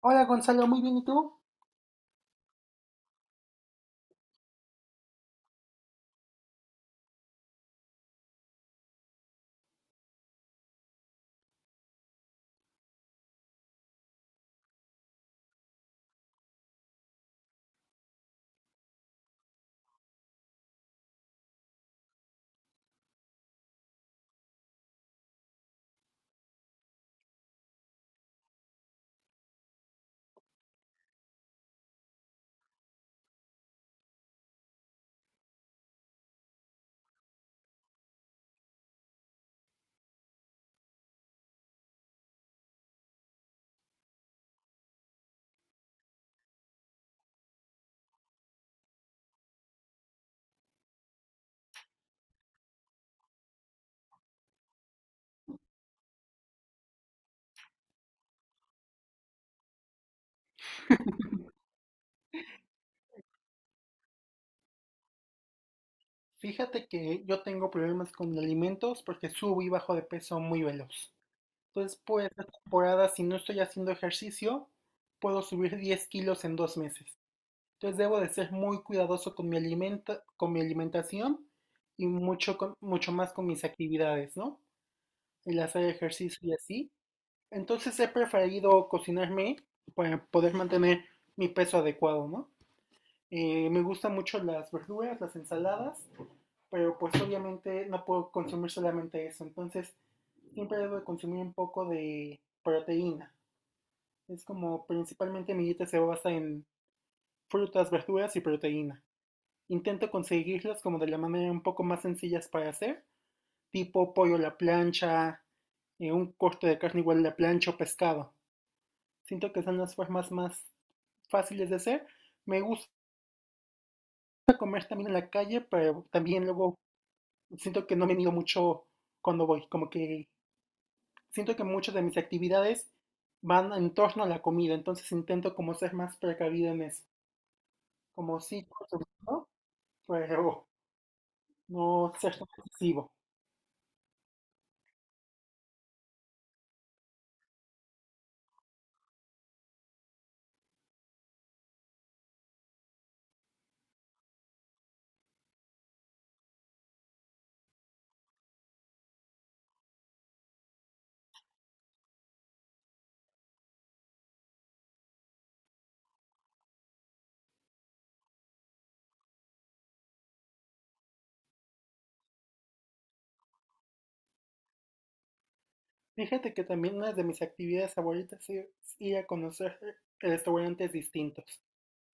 Hola Gonzalo, muy bien, ¿y tú? Fíjate que yo tengo problemas con alimentos porque subo y bajo de peso muy veloz. Entonces, por esta temporada, si no estoy haciendo ejercicio, puedo subir 10 kilos en 2 meses. Entonces, debo de ser muy cuidadoso con con mi alimentación y mucho, mucho más con mis actividades, ¿no? El hacer ejercicio y así. Entonces, he preferido cocinarme para poder mantener mi peso adecuado, ¿no? Me gustan mucho las verduras, las ensaladas, pero pues obviamente no puedo consumir solamente eso, entonces siempre debo de consumir un poco de proteína. Es como principalmente mi dieta se basa en frutas, verduras y proteína. Intento conseguirlas como de la manera un poco más sencillas para hacer, tipo pollo a la plancha, un corte de carne igual a la plancha o pescado. Siento que son las formas más fáciles de hacer. Me gusta comer también en la calle, pero también luego siento que no me mido mucho cuando voy, como que siento que muchas de mis actividades van en torno a la comida, entonces intento como ser más precavido en eso, como sí, por pero no ser tan excesivo. Fíjate que también una de mis actividades favoritas es ir a conocer restaurantes distintos,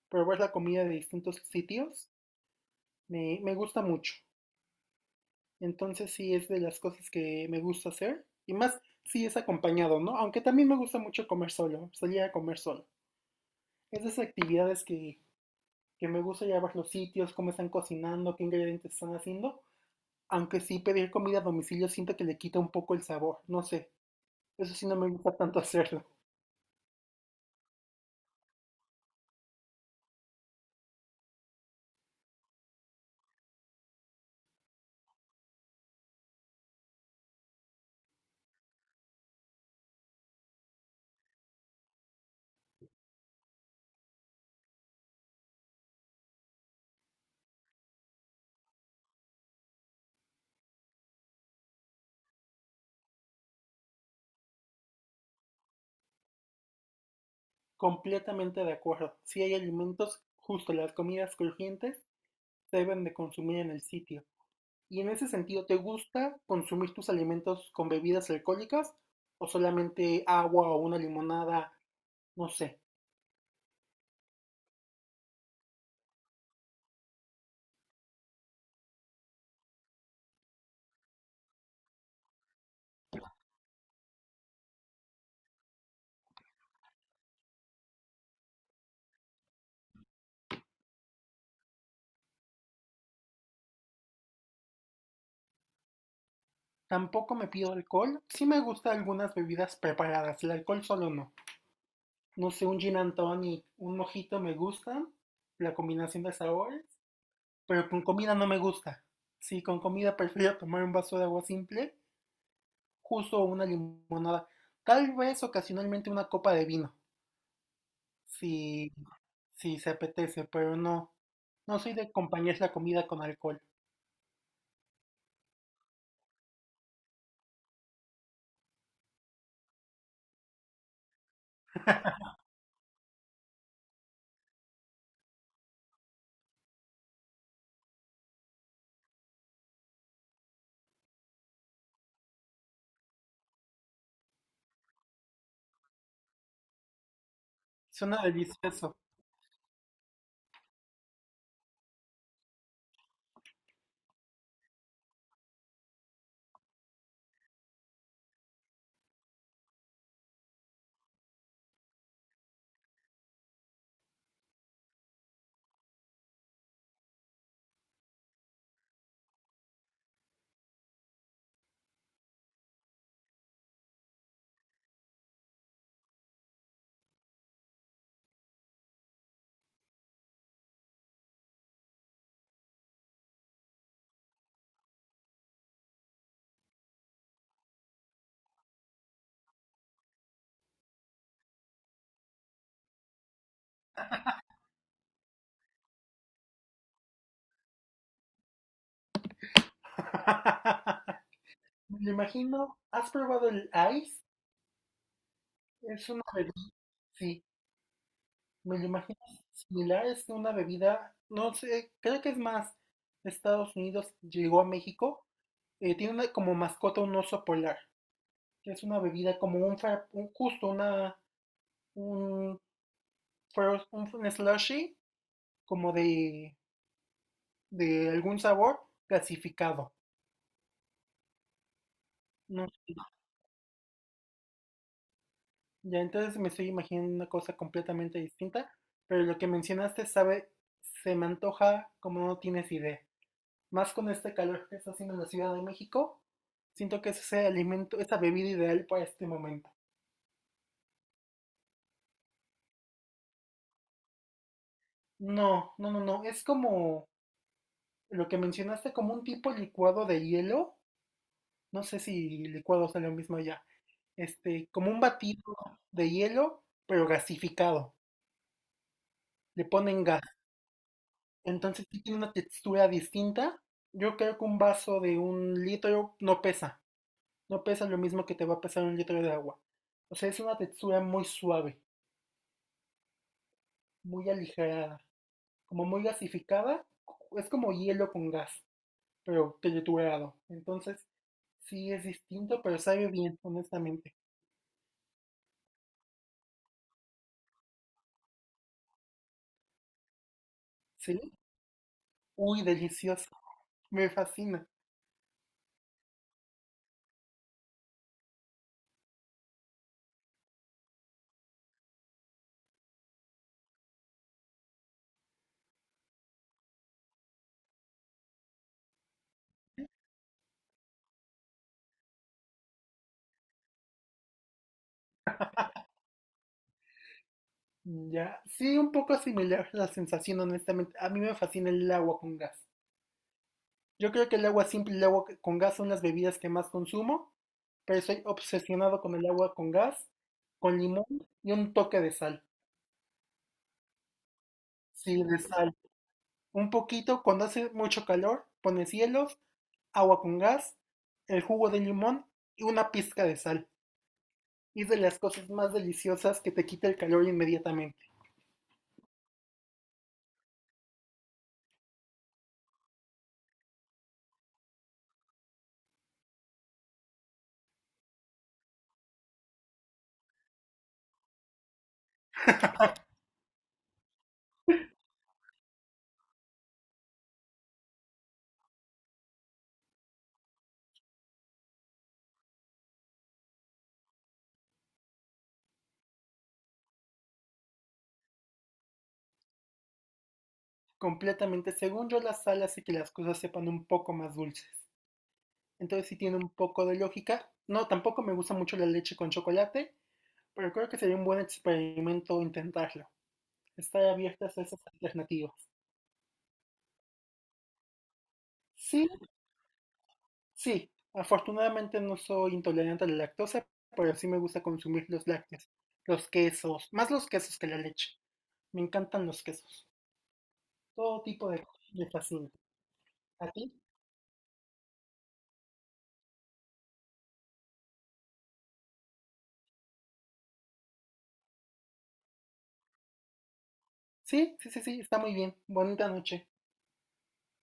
probar la comida de distintos sitios, me gusta mucho. Entonces sí es de las cosas que me gusta hacer y más si es acompañado, ¿no? Aunque también me gusta mucho comer solo, salir a comer solo. Es de esas actividades que me gusta llevar los sitios, cómo están cocinando, qué ingredientes están haciendo. Aunque sí, pedir comida a domicilio siento que le quita un poco el sabor, no sé. Eso sí no me gusta tanto hacerlo. Completamente de acuerdo. Si hay alimentos, justo las comidas crujientes se deben de consumir en el sitio. Y en ese sentido, ¿te gusta consumir tus alimentos con bebidas alcohólicas o solamente agua o una limonada? No sé. Tampoco me pido alcohol. Sí me gusta algunas bebidas preparadas, el alcohol solo no. No sé, un gin and tonic, un mojito me gusta, la combinación de sabores, pero con comida no me gusta. Sí, con comida prefiero tomar un vaso de agua simple, justo una limonada. Tal vez ocasionalmente una copa de vino, si, si se apetece, pero no. No soy de acompañar la comida con alcohol. Suena delicioso. Me lo imagino, ¿has probado el ice? Es una bebida, sí. Me lo imagino similar, es una bebida, no sé, creo que es más de Estados Unidos, llegó a México. Tiene como mascota un oso polar, que es una bebida como justo una, un, fro- un slushy, como de algún sabor gasificado. No sé, ya entonces me estoy imaginando una cosa completamente distinta, pero lo que mencionaste, sabe, se me antoja como no tienes idea. Más con este calor que está haciendo en la Ciudad de México, siento que es ese alimento, esa bebida ideal para este momento. No, no, no, no, es como lo que mencionaste, como un tipo licuado de hielo, no sé si licuado sea lo mismo allá, este, como un batido de hielo, pero gasificado, le ponen gas, entonces sí tiene una textura distinta. Yo creo que un vaso de 1 litro no pesa, no pesa lo mismo que te va a pesar 1 litro de agua. O sea, es una textura muy suave, muy aligerada, como muy gasificada, es como hielo con gas, pero triturado. Entonces, sí es distinto, pero sabe bien, honestamente. Sí, uy, delicioso, me fascina. Ya, sí, un poco similar la sensación, honestamente. A mí me fascina el agua con gas. Yo creo que el agua simple y el agua con gas son las bebidas que más consumo, pero soy obsesionado con el agua con gas, con limón y un toque de sal. Sí, de sal. Un poquito, cuando hace mucho calor, pones hielos, agua con gas, el jugo de limón y una pizca de sal. Y es de las cosas más deliciosas que te quita el calor inmediatamente. Completamente, según yo, la sal hace que las cosas sepan un poco más dulces. Entonces sí tiene un poco de lógica. No, tampoco me gusta mucho la leche con chocolate, pero creo que sería un buen experimento intentarlo. Estar abiertas a esas alternativas. Sí, sí. Afortunadamente no soy intolerante a la lactosa, pero sí me gusta consumir los lácteos, los quesos, más los quesos que la leche. Me encantan los quesos. Todo tipo de quesos me fascina. ¿A ti? Sí, sí, sí, sí, está muy bien. Bonita noche.